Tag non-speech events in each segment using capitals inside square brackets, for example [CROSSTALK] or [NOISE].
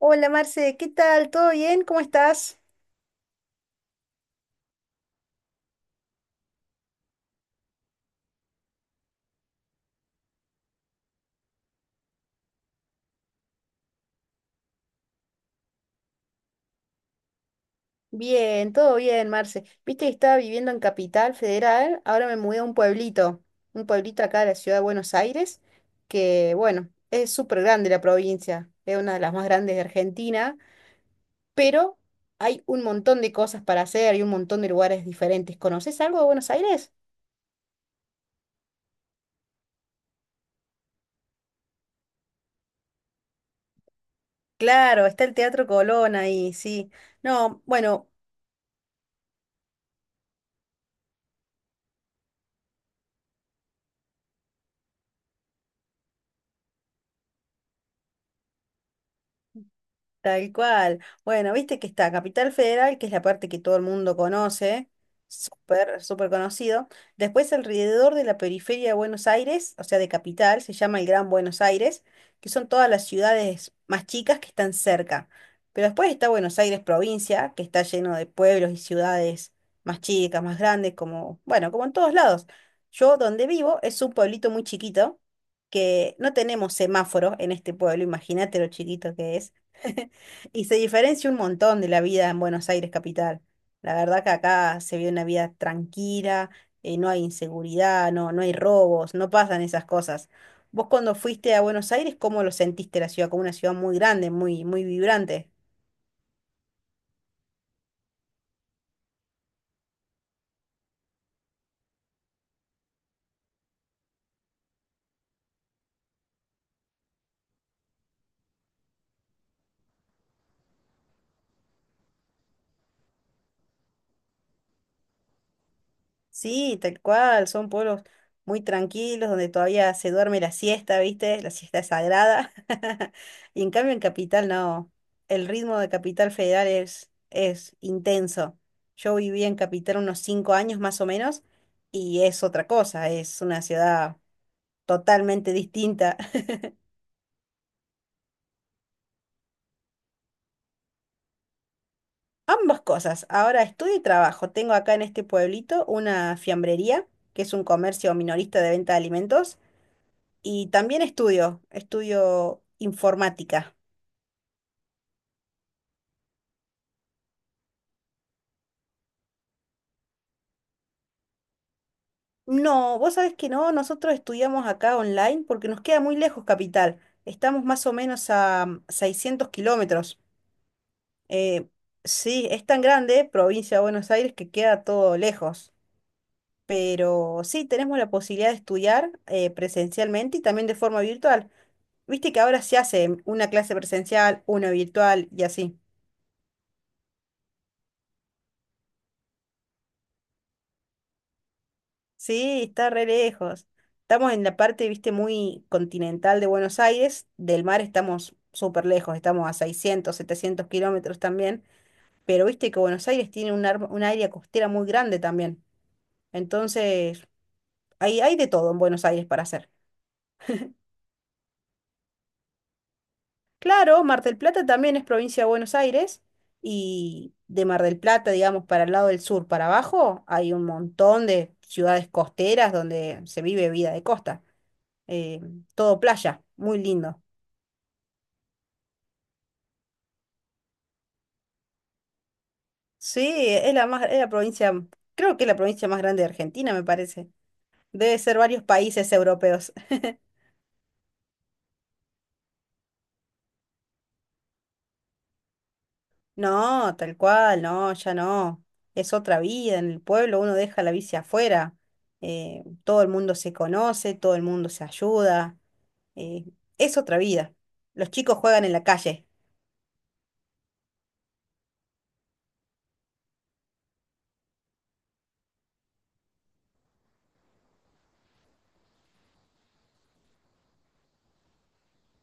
Hola Marce, ¿qué tal? ¿Todo bien? ¿Cómo estás? Bien, todo bien, Marce. Viste que estaba viviendo en Capital Federal, ahora me mudé a un pueblito acá de la ciudad de Buenos Aires, que bueno, es súper grande la provincia, es una de las más grandes de Argentina, pero hay un montón de cosas para hacer y un montón de lugares diferentes. ¿Conoces algo de Buenos Aires? Claro, está el Teatro Colón ahí, sí. No, bueno, tal cual. Bueno, viste que está Capital Federal, que es la parte que todo el mundo conoce, súper, súper conocido. Después alrededor de la periferia de Buenos Aires, o sea, de Capital, se llama el Gran Buenos Aires, que son todas las ciudades más chicas que están cerca. Pero después está Buenos Aires provincia, que está lleno de pueblos y ciudades más chicas, más grandes, como, bueno, como en todos lados. Yo donde vivo es un pueblito muy chiquito, que no tenemos semáforo en este pueblo, imagínate lo chiquito que es. [LAUGHS] Y se diferencia un montón de la vida en Buenos Aires capital. La verdad que acá se vive una vida tranquila, no hay inseguridad, no, no hay robos, no pasan esas cosas. Vos cuando fuiste a Buenos Aires, ¿cómo lo sentiste la ciudad? Como una ciudad muy grande, muy, muy vibrante. Sí, tal cual, son pueblos muy tranquilos donde todavía se duerme la siesta, ¿viste? La siesta es sagrada. [LAUGHS] Y en cambio en Capital no, el ritmo de Capital Federal es intenso. Yo viví en Capital unos 5 años más o menos y es otra cosa, es una ciudad totalmente distinta. [LAUGHS] Ambas cosas, ahora estudio y trabajo. Tengo acá en este pueblito una fiambrería, que es un comercio minorista de venta de alimentos. Y también estudio, estudio informática. No, vos sabés que no, nosotros estudiamos acá online porque nos queda muy lejos Capital. Estamos más o menos a 600 kilómetros. Eh, sí, es tan grande, provincia de Buenos Aires, que queda todo lejos. Pero sí, tenemos la posibilidad de estudiar presencialmente y también de forma virtual. Viste que ahora se hace una clase presencial, una virtual y así. Sí, está re lejos. Estamos en la parte, viste, muy continental de Buenos Aires. Del mar estamos súper lejos, estamos a 600, 700 kilómetros también. Pero viste que Buenos Aires tiene un área costera muy grande también. Entonces, hay de todo en Buenos Aires para hacer. Claro, Mar del Plata también es provincia de Buenos Aires. Y de Mar del Plata, digamos, para el lado del sur, para abajo, hay un montón de ciudades costeras donde se vive vida de costa. eh, Todo playa, muy lindo. Sí, es la más, es la provincia, creo que es la provincia más grande de Argentina, me parece. Debe ser varios países europeos. [LAUGHS] No, tal cual, no, ya no. Es otra vida en el pueblo, uno deja la bici afuera. Todo el mundo se conoce, todo el mundo se ayuda. eh, es otra vida. Los chicos juegan en la calle.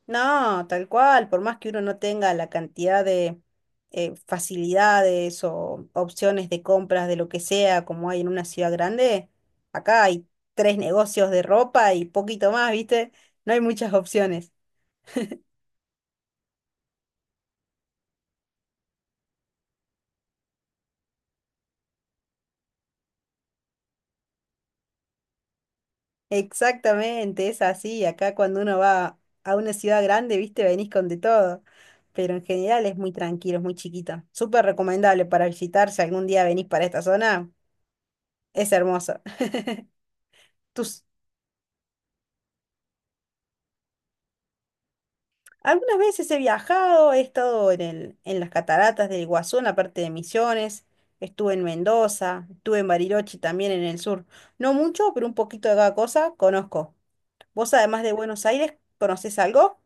No, tal cual, por más que uno no tenga la cantidad de facilidades o opciones de compras de lo que sea como hay en una ciudad grande, acá hay tres negocios de ropa y poquito más, ¿viste? No hay muchas opciones. Exactamente, es así. Acá cuando uno va a una ciudad grande, ¿viste? Venís con de todo. Pero en general es muy tranquilo, es muy chiquito. Súper recomendable para visitar si algún día venís para esta zona. Es hermoso. [LAUGHS] ¿Tú, Algunas veces he viajado, he estado en el, en las cataratas del Iguazú, en la parte de Misiones, estuve en Mendoza, estuve en Bariloche también en el sur. No mucho, pero un poquito de cada cosa conozco. Vos, además de Buenos Aires, ¿conocés algo?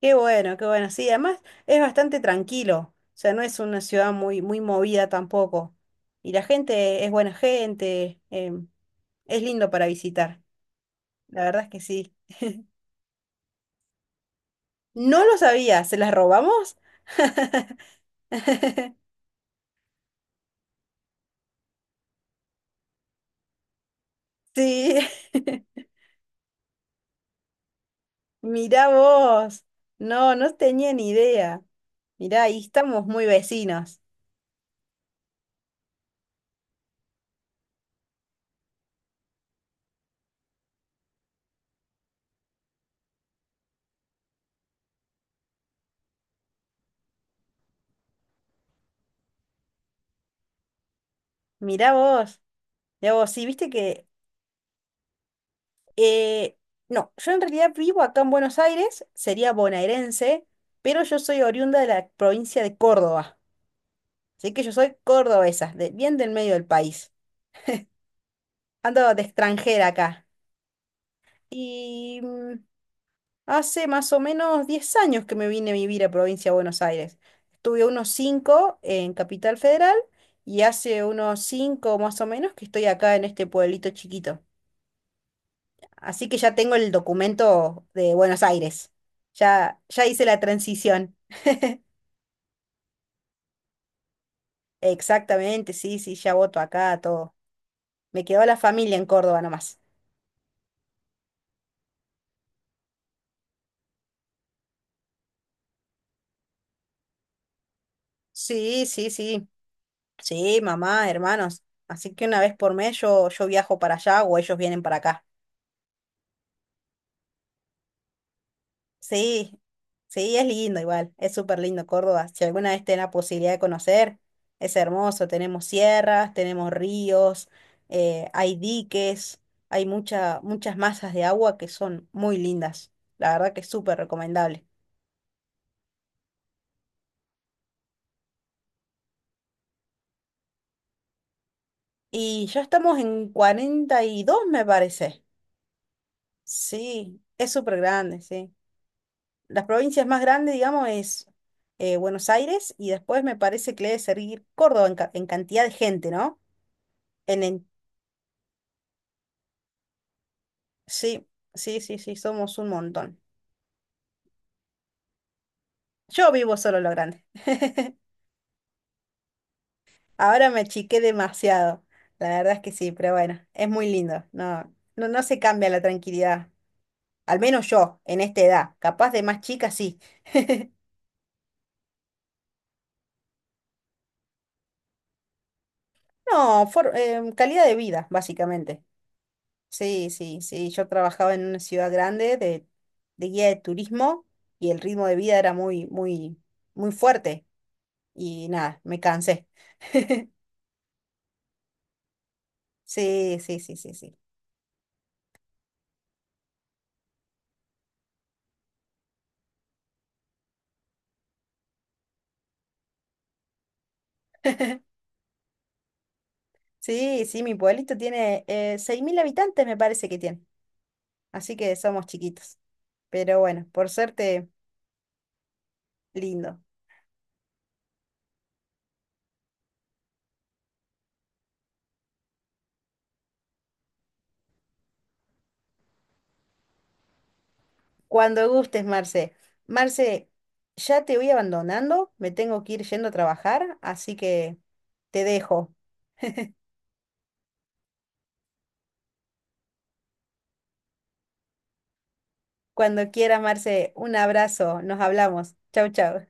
Qué bueno, qué bueno. Sí, además es bastante tranquilo. O sea, no es una ciudad muy, muy movida tampoco. Y la gente es buena gente, es lindo para visitar. La verdad es que sí. No lo sabía, ¿se las robamos? [LAUGHS] Sí, [LAUGHS] mirá vos. No, no tenía ni idea. Mirá, ahí estamos muy vecinos. Mirá vos. Mirá vos, sí, viste que... eh, no, yo en realidad vivo acá en Buenos Aires, sería bonaerense, pero yo soy oriunda de la provincia de Córdoba. Así que yo soy cordobesa, de- bien del medio del país. Ando de extranjera acá. Y hace más o menos 10 años que me vine a vivir a Provincia de Buenos Aires. Estuve unos cinco en Capital Federal y hace unos 5 más o menos que estoy acá en este pueblito chiquito. Así que ya tengo el documento de Buenos Aires. Ya, ya hice la transición. Exactamente, sí, sí, ya voto acá, todo. Me quedó la familia en Córdoba nomás. Sí, sí, sí. Sí, mamá, hermanos. Así que una vez por mes yo, yo viajo para allá o ellos vienen para acá. Sí, sí, es lindo igual, es súper lindo Córdoba. Si alguna vez tenés la posibilidad de conocer, es hermoso. Tenemos sierras, tenemos ríos, hay diques, hay mucha, muchas masas de agua que son muy lindas. La verdad que es súper recomendable. Y ya estamos en 42 me parece. Sí, es súper grande, sí. Las provincias más grandes, digamos, es Buenos Aires y después me parece que le debe seguir Córdoba en, en cantidad de gente, ¿no? En Sí, sí, sí, sí, somos un montón. Yo vivo solo lo grande. [LAUGHS] Ahora me achiqué demasiado. La verdad es que sí, pero bueno, es muy lindo. No, no, no se cambia la tranquilidad. Al menos yo, en esta edad. Capaz de más chica, sí. [LAUGHS] No, calidad de vida, básicamente. Sí, sí, sí. Yo trabajaba en una ciudad grande de, guía de turismo y el ritmo de vida era muy, muy, muy fuerte. Y nada, me cansé. Sí, sí, sí, sí, sí. Sí, sí, mi pueblito tiene 6.000 habitantes, me parece que tiene. Así que somos chiquitos. Pero bueno, por suerte, lindo. Cuando gustes, Marce. Marce, ya te voy abandonando, me tengo que ir yendo a trabajar, así que te dejo. Cuando quieras, Marce, un abrazo, nos hablamos. Chau, chau.